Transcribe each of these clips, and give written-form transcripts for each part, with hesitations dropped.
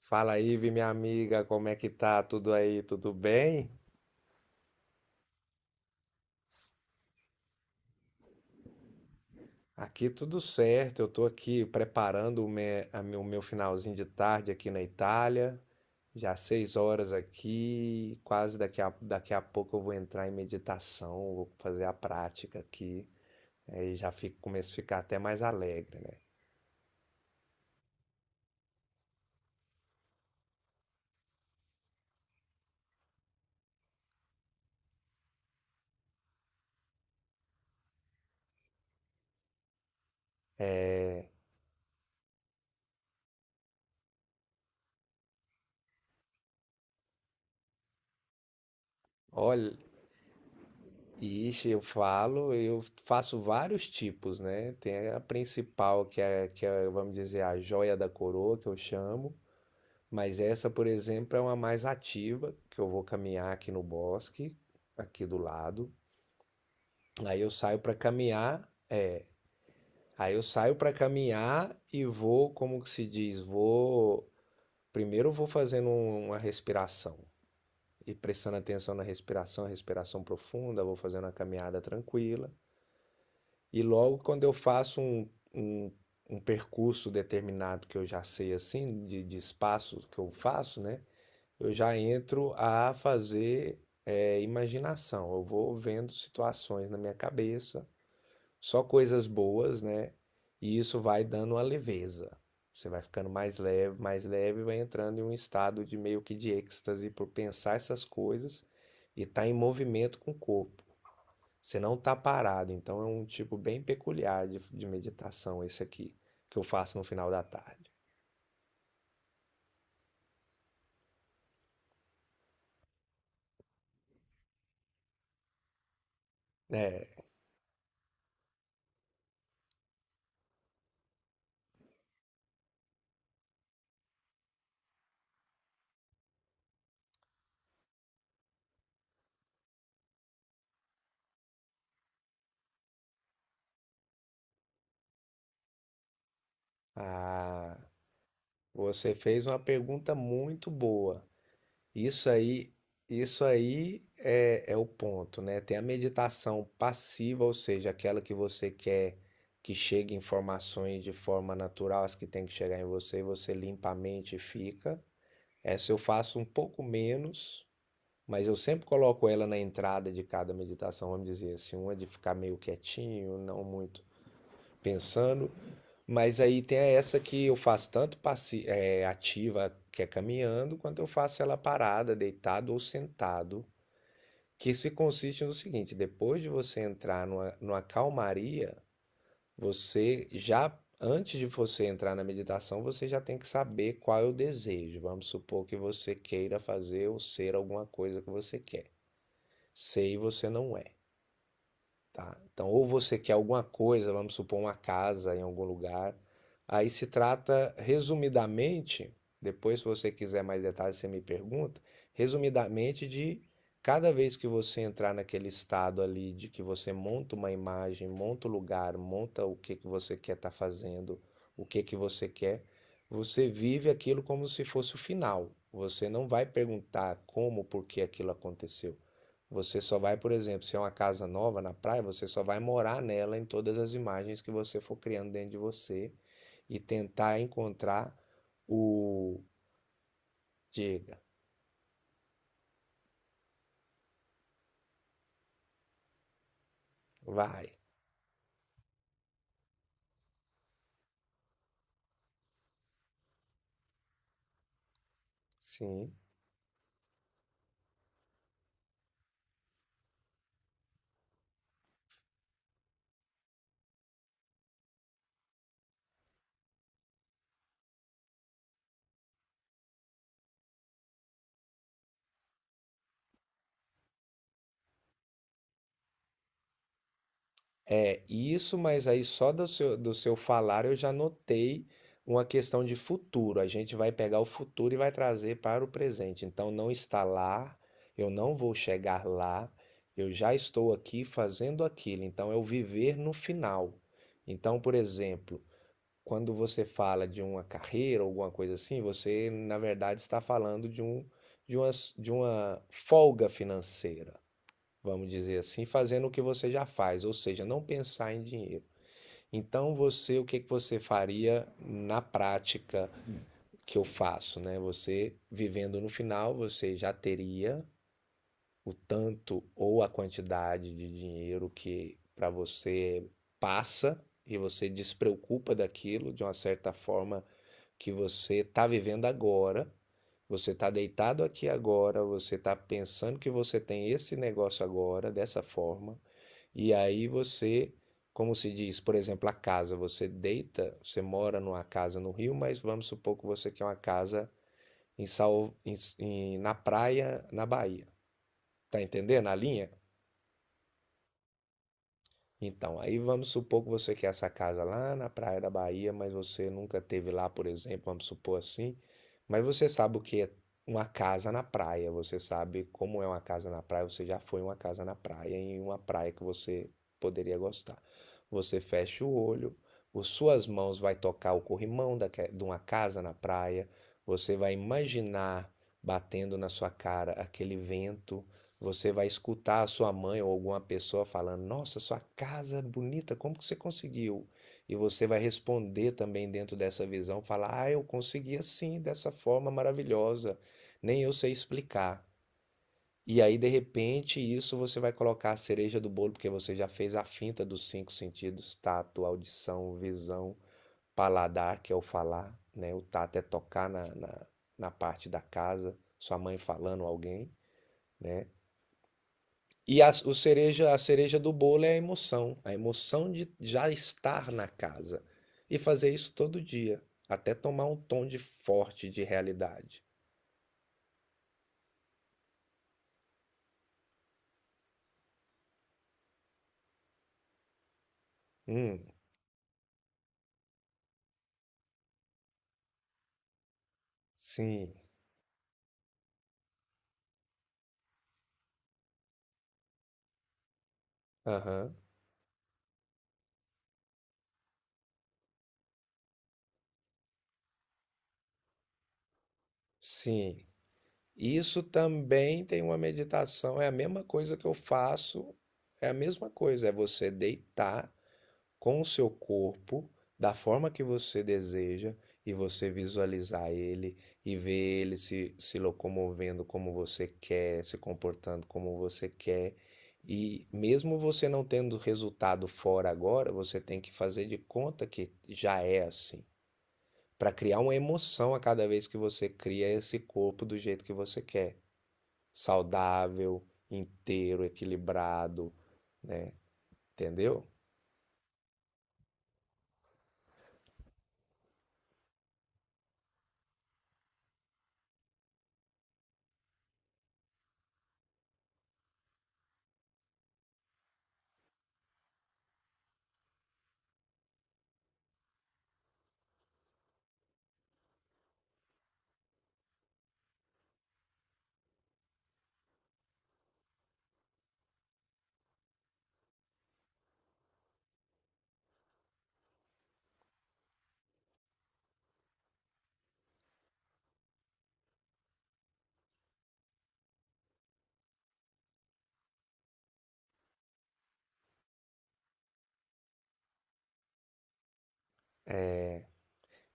Fala aí, Vi, minha amiga, como é que tá? Tudo aí, tudo bem? Aqui tudo certo, eu tô aqui preparando o meu finalzinho de tarde aqui na Itália. Já 6 horas aqui, quase daqui a pouco eu vou entrar em meditação, vou fazer a prática aqui. Aí já fico, começo a ficar até mais alegre, né? É, olha, ixi, eu falo, eu faço vários tipos, né? Tem a principal, vamos dizer, a joia da coroa, que eu chamo. Mas essa, por exemplo, é uma mais ativa, que eu vou caminhar aqui no bosque, aqui do lado. Aí eu saio para caminhar, Aí eu saio para caminhar e vou, como que se diz, vou. Primeiro eu vou fazendo uma respiração e prestando atenção na respiração, respiração profunda, vou fazendo uma caminhada tranquila. E logo quando eu faço um, um percurso determinado que eu já sei assim, de espaço que eu faço, né? Eu já entro a fazer imaginação. Eu vou vendo situações na minha cabeça, só coisas boas, né? E isso vai dando uma leveza. Você vai ficando mais leve, e vai entrando em um estado de meio que de êxtase por pensar essas coisas e estar tá em movimento com o corpo. Você não está parado, então é um tipo bem peculiar de meditação esse aqui, que eu faço no final da tarde. É, ah, Você fez uma pergunta muito boa. Isso aí, isso aí é, é o ponto, né? Tem a meditação passiva, ou seja, aquela que você quer que chegue informações de forma natural, as que tem que chegar em você, você limpa a mente e fica. Essa eu faço um pouco menos, mas eu sempre coloco ela na entrada de cada meditação, vamos dizer assim, uma de ficar meio quietinho, não muito pensando. Mas aí tem essa que eu faço tanto ativa, que é caminhando, quanto eu faço ela parada, deitado ou sentado. Que se consiste no seguinte: depois de você entrar numa calmaria, você já, antes de você entrar na meditação, você já tem que saber qual é o desejo. Vamos supor que você queira fazer ou ser alguma coisa que você quer. Sei, você não é, tá? Então, ou você quer alguma coisa, vamos supor uma casa em algum lugar. Aí se trata, resumidamente, depois se você quiser mais detalhes, você me pergunta, resumidamente de cada vez que você entrar naquele estado ali de que você monta uma imagem, monta o lugar, monta o que que você quer estar tá fazendo, o que que você quer, você vive aquilo como se fosse o final. Você não vai perguntar como, por que aquilo aconteceu. Você só vai, por exemplo, se é uma casa nova na praia, você só vai morar nela em todas as imagens que você for criando dentro de você e tentar encontrar o. Diga, vai. Sim. É, isso, mas aí só do seu falar eu já notei uma questão de futuro. A gente vai pegar o futuro e vai trazer para o presente. Então não está lá, eu não vou chegar lá, eu já estou aqui fazendo aquilo. Então é o viver no final. Então, por exemplo, quando você fala de uma carreira ou alguma coisa assim, você na verdade está falando de uma, de uma folga financeira, vamos dizer assim, fazendo o que você já faz, ou seja, não pensar em dinheiro. Então você, o que que você faria na prática que eu faço, né? Você vivendo no final, você já teria o tanto ou a quantidade de dinheiro que para você passa e você despreocupa daquilo de uma certa forma que você está vivendo agora. Você está deitado aqui agora, você está pensando que você tem esse negócio agora, dessa forma, e aí você, como se diz, por exemplo, a casa, você deita, você mora numa casa no Rio, mas vamos supor que você quer uma casa em, Salv... na praia, na Bahia. Tá entendendo a linha? Então, aí vamos supor que você quer essa casa lá na Praia da Bahia, mas você nunca teve lá, por exemplo, vamos supor assim. Mas você sabe o que é uma casa na praia, você sabe como é uma casa na praia, você já foi em uma casa na praia, em uma praia que você poderia gostar. Você fecha o olho, as suas mãos vai tocar o corrimão de uma casa na praia, você vai imaginar batendo na sua cara aquele vento, você vai escutar a sua mãe ou alguma pessoa falando: Nossa, sua casa é bonita, como que você conseguiu? E você vai responder também dentro dessa visão: falar, ah, eu consegui assim, dessa forma maravilhosa, nem eu sei explicar. E aí, de repente, isso você vai colocar a cereja do bolo, porque você já fez a finta dos 5 sentidos: tato, audição, visão, paladar, que é o falar, né? O tato é tocar na parte da casa, sua mãe falando, alguém, né? E a cereja do bolo é a emoção de já estar na casa e fazer isso todo dia, até tomar um tom de forte de realidade. Hum, sim, aham, sim. Isso também tem uma meditação, é a mesma coisa que eu faço, é a mesma coisa, é você deitar com o seu corpo, da forma que você deseja, e você visualizar ele e ver ele se locomovendo como você quer, se comportando como você quer. E mesmo você não tendo resultado fora agora, você tem que fazer de conta que já é assim, para criar uma emoção a cada vez que você cria esse corpo do jeito que você quer, saudável, inteiro, equilibrado, né? Entendeu? É,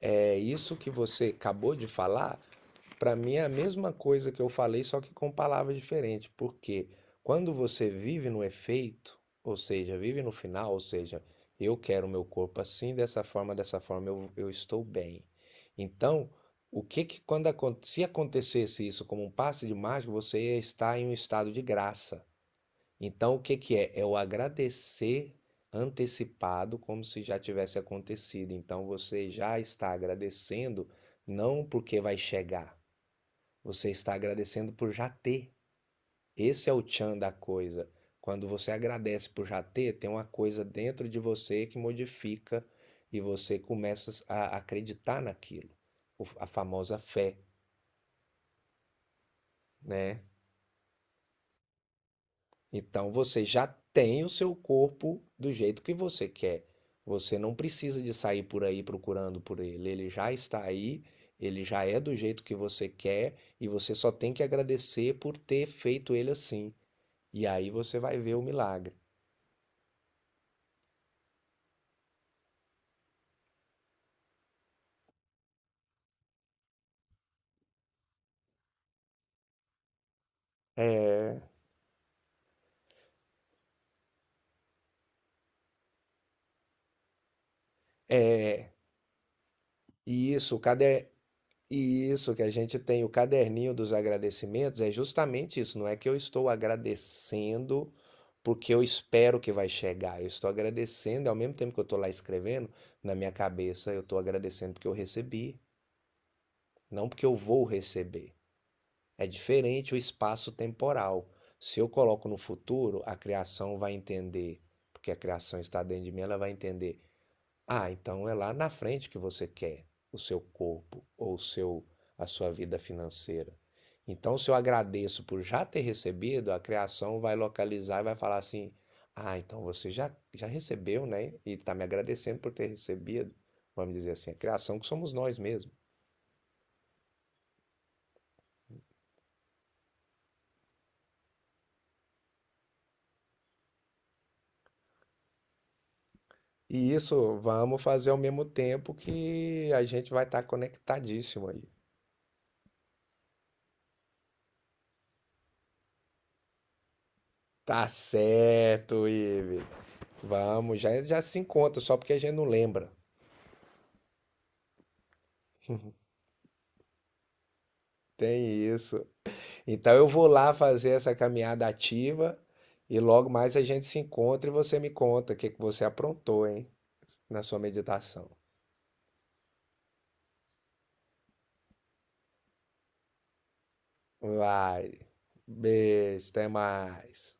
É isso que você acabou de falar, para mim é a mesma coisa que eu falei, só que com palavras diferentes. Porque quando você vive no efeito, ou seja, vive no final, ou seja, eu quero o meu corpo assim, dessa forma, eu estou bem. Então, o que que quando se acontecesse isso como um passe de mágica, você ia estar em um estado de graça. Então, o que que é? É o agradecer antecipado, como se já tivesse acontecido. Então, você já está agradecendo, não porque vai chegar, você está agradecendo por já ter. Esse é o tchan da coisa. Quando você agradece por já ter, tem uma coisa dentro de você que modifica e você começa a acreditar naquilo. A famosa fé, né? Então você já tem o seu corpo do jeito que você quer. Você não precisa de sair por aí procurando por ele. Ele já está aí, ele já é do jeito que você quer e você só tem que agradecer por ter feito ele assim. E aí você vai ver o milagre. É, é, e isso, cada E isso que a gente tem o caderninho dos agradecimentos é justamente isso. Não é que eu estou agradecendo porque eu espero que vai chegar. Eu estou agradecendo, e ao mesmo tempo que eu estou lá escrevendo, na minha cabeça eu estou agradecendo porque eu recebi, não porque eu vou receber. É diferente o espaço temporal. Se eu coloco no futuro, a criação vai entender, porque a criação está dentro de mim, ela vai entender. Ah, então é lá na frente que você quer o seu corpo ou o seu, a sua vida financeira. Então, se eu agradeço por já ter recebido, a criação vai localizar e vai falar assim: ah, então você já recebeu, né? E está me agradecendo por ter recebido. Vamos dizer assim: a criação que somos nós mesmos. E isso vamos fazer ao mesmo tempo que a gente vai estar conectadíssimo aí. Tá certo, Ive. Vamos, já se encontra, só porque a gente não lembra. Tem isso. Então eu vou lá fazer essa caminhada ativa e logo mais a gente se encontra e você me conta o que que você aprontou, hein, na sua meditação. Vai. Beijo, até mais.